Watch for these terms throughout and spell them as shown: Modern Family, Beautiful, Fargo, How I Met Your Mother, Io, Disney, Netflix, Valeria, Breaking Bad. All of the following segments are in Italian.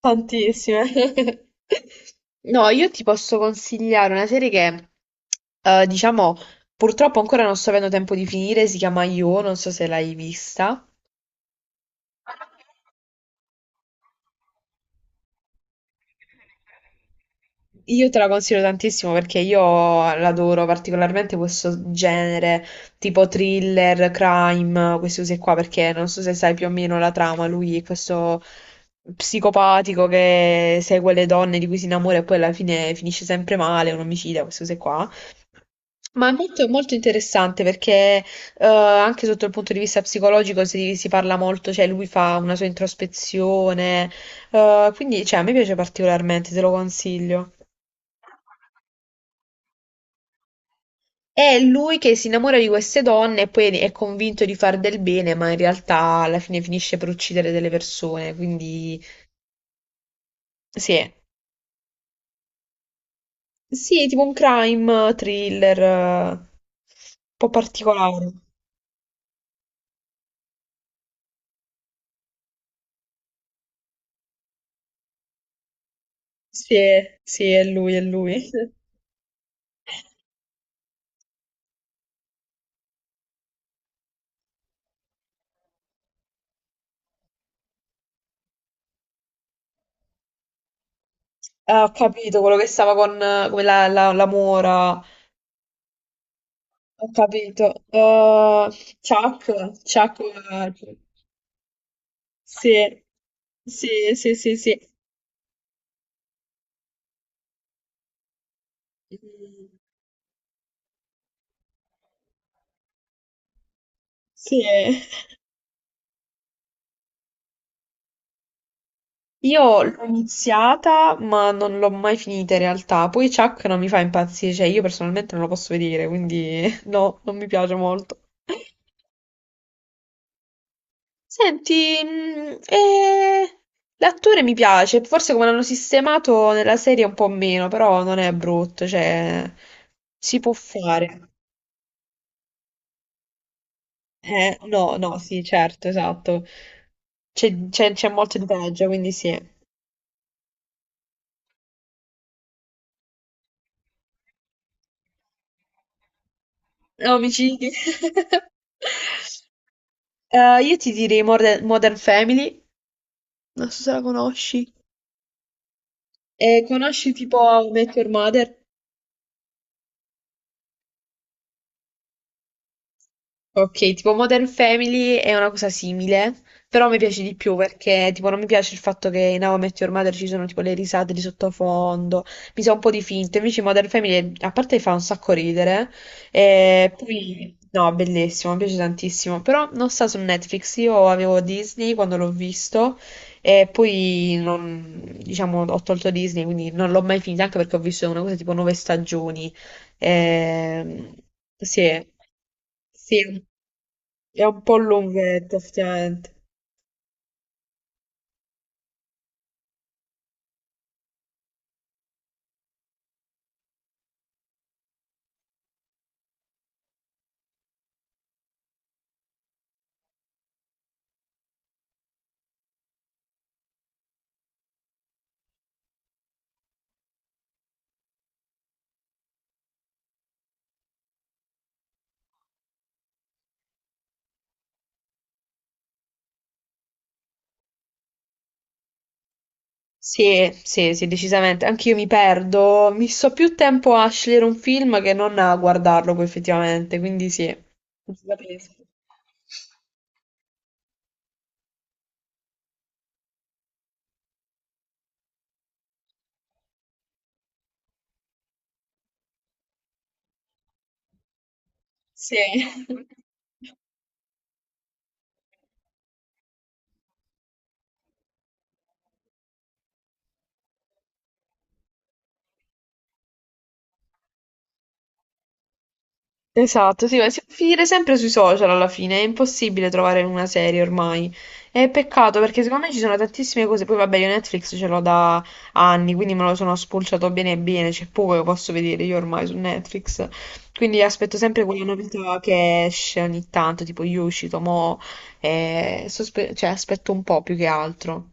Tantissime. No, io ti posso consigliare una serie che, diciamo, purtroppo ancora non sto avendo tempo di finire, si chiama Io, non so se l'hai vista. Io te la consiglio tantissimo perché io l'adoro particolarmente questo genere tipo thriller, crime, questi usi qua perché non so se sai più o meno la trama, lui è questo psicopatico che segue le donne di cui si innamora e poi alla fine finisce sempre male, è un omicida, queste cose qua. Ma è molto, molto interessante perché anche sotto il punto di vista psicologico si parla molto, cioè lui fa una sua introspezione, quindi cioè, a me piace particolarmente, te lo consiglio. È lui che si innamora di queste donne e poi è convinto di far del bene, ma in realtà alla fine finisce per uccidere delle persone, quindi sì, sì, è tipo un crime thriller, un po' particolare. Sì, sì, è lui, è lui. Ah, ho capito quello che stava con, come la mora, ho capito. Chuck, Chuck, sì, sì, sì, sì, sì. Mm, sì. Io l'ho iniziata, ma non l'ho mai finita in realtà. Poi Chuck non mi fa impazzire, cioè io personalmente non lo posso vedere, quindi no, non mi piace molto. Senti, l'attore mi piace, forse come l'hanno sistemato nella serie un po' meno, però non è brutto, cioè si può fare. No, no, sì, certo, esatto. C'è molto di peggio, quindi sì. Omicidi. Io ti direi Modern Family. Non so se la conosci. E conosci tipo How I Met Your Mother? Ok, tipo Modern Family è una cosa simile, però mi piace di più perché tipo non mi piace il fatto che in How I Met Your Mother ci sono tipo le risate di sottofondo, mi sa un po' di finto, invece Modern Family a parte fa un sacco ridere, e poi no, bellissimo, mi piace tantissimo, però non sta su Netflix, io avevo Disney quando l'ho visto e poi diciamo, ho tolto Disney, quindi non l'ho mai finita anche perché ho visto una cosa tipo 9 stagioni. Ehm, sì, sì, è un po' lunghetto, effettivamente. Sì, sì, sì, decisamente. Anch'io mi perdo. Mi sto più tempo a scegliere un film che non a guardarlo poi effettivamente, quindi sì. Ti capisco. Sì. Esatto, sì, ma si può finire sempre sui social alla fine, è impossibile trovare una serie ormai. È peccato perché secondo me ci sono tantissime cose, poi vabbè io Netflix ce l'ho da anni, quindi me lo sono spulciato bene bene, c'è poco che posso vedere io ormai su Netflix, quindi aspetto sempre quella novità che esce ogni tanto, tipo io uscito mo, cioè aspetto un po' più che altro.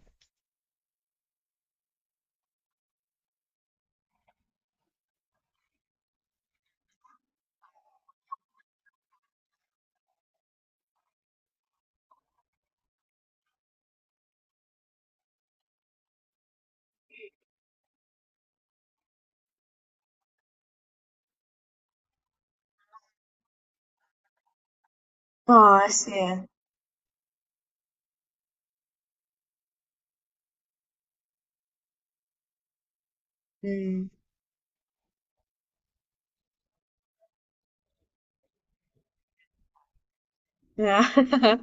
Ah, eh sì. Mm.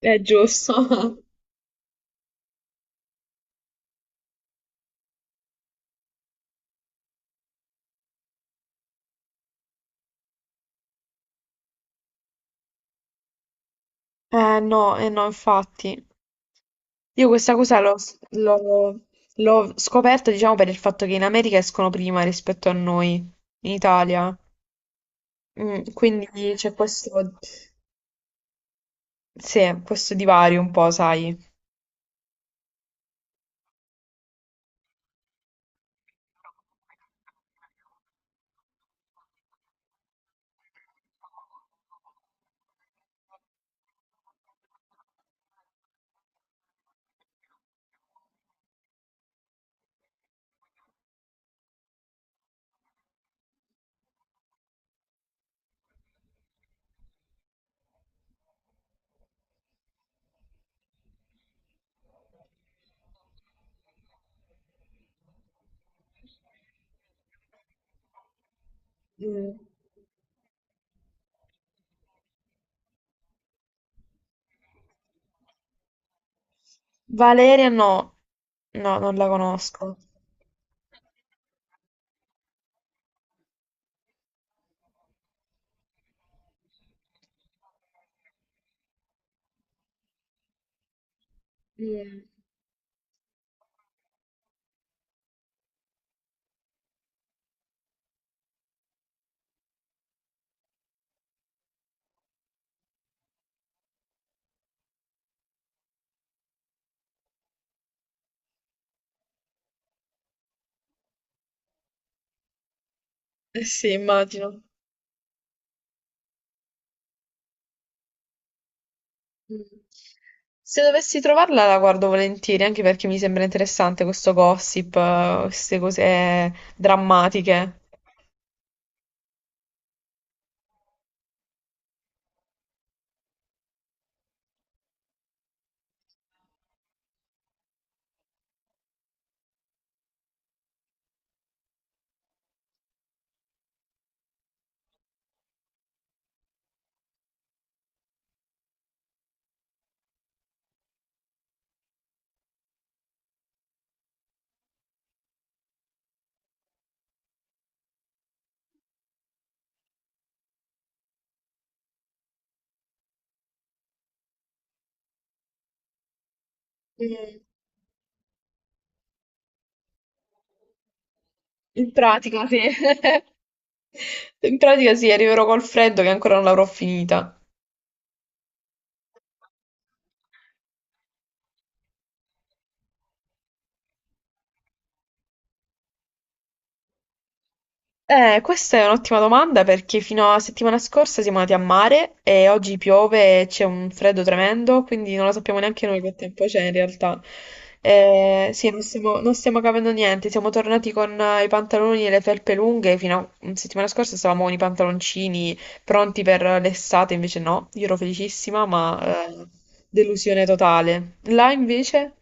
È giusto. No, eh no, infatti. Io questa cosa l'ho- l'ho scoperta, diciamo, per il fatto che in America escono prima rispetto a noi, in Italia. Mm, quindi c'è questo, sì, questo divario un po', sai. Mm. Valeria no, no, non la conosco. Mm. Eh sì, immagino. Mm. Se dovessi trovarla la guardo volentieri, anche perché mi sembra interessante questo gossip, queste cose drammatiche. Mm. In pratica, sì. In pratica sì, arriverò col freddo che ancora non l'avrò finita. Questa è un'ottima domanda perché fino a settimana scorsa siamo andati a mare e oggi piove e c'è un freddo tremendo, quindi non lo sappiamo neanche noi che tempo c'è in realtà. Sì, non stiamo capendo niente, siamo tornati con i pantaloni e le felpe lunghe, fino a settimana scorsa stavamo con i pantaloncini pronti per l'estate, invece no, io ero felicissima, ma delusione totale. Là invece,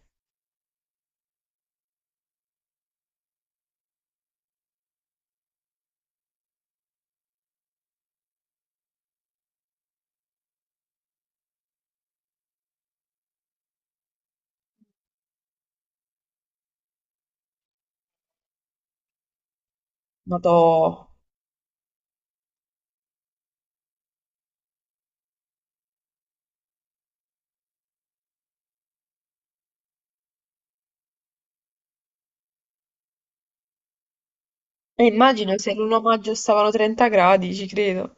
noto. E immagino se in un omaggio stavano 30 gradi, ci credo.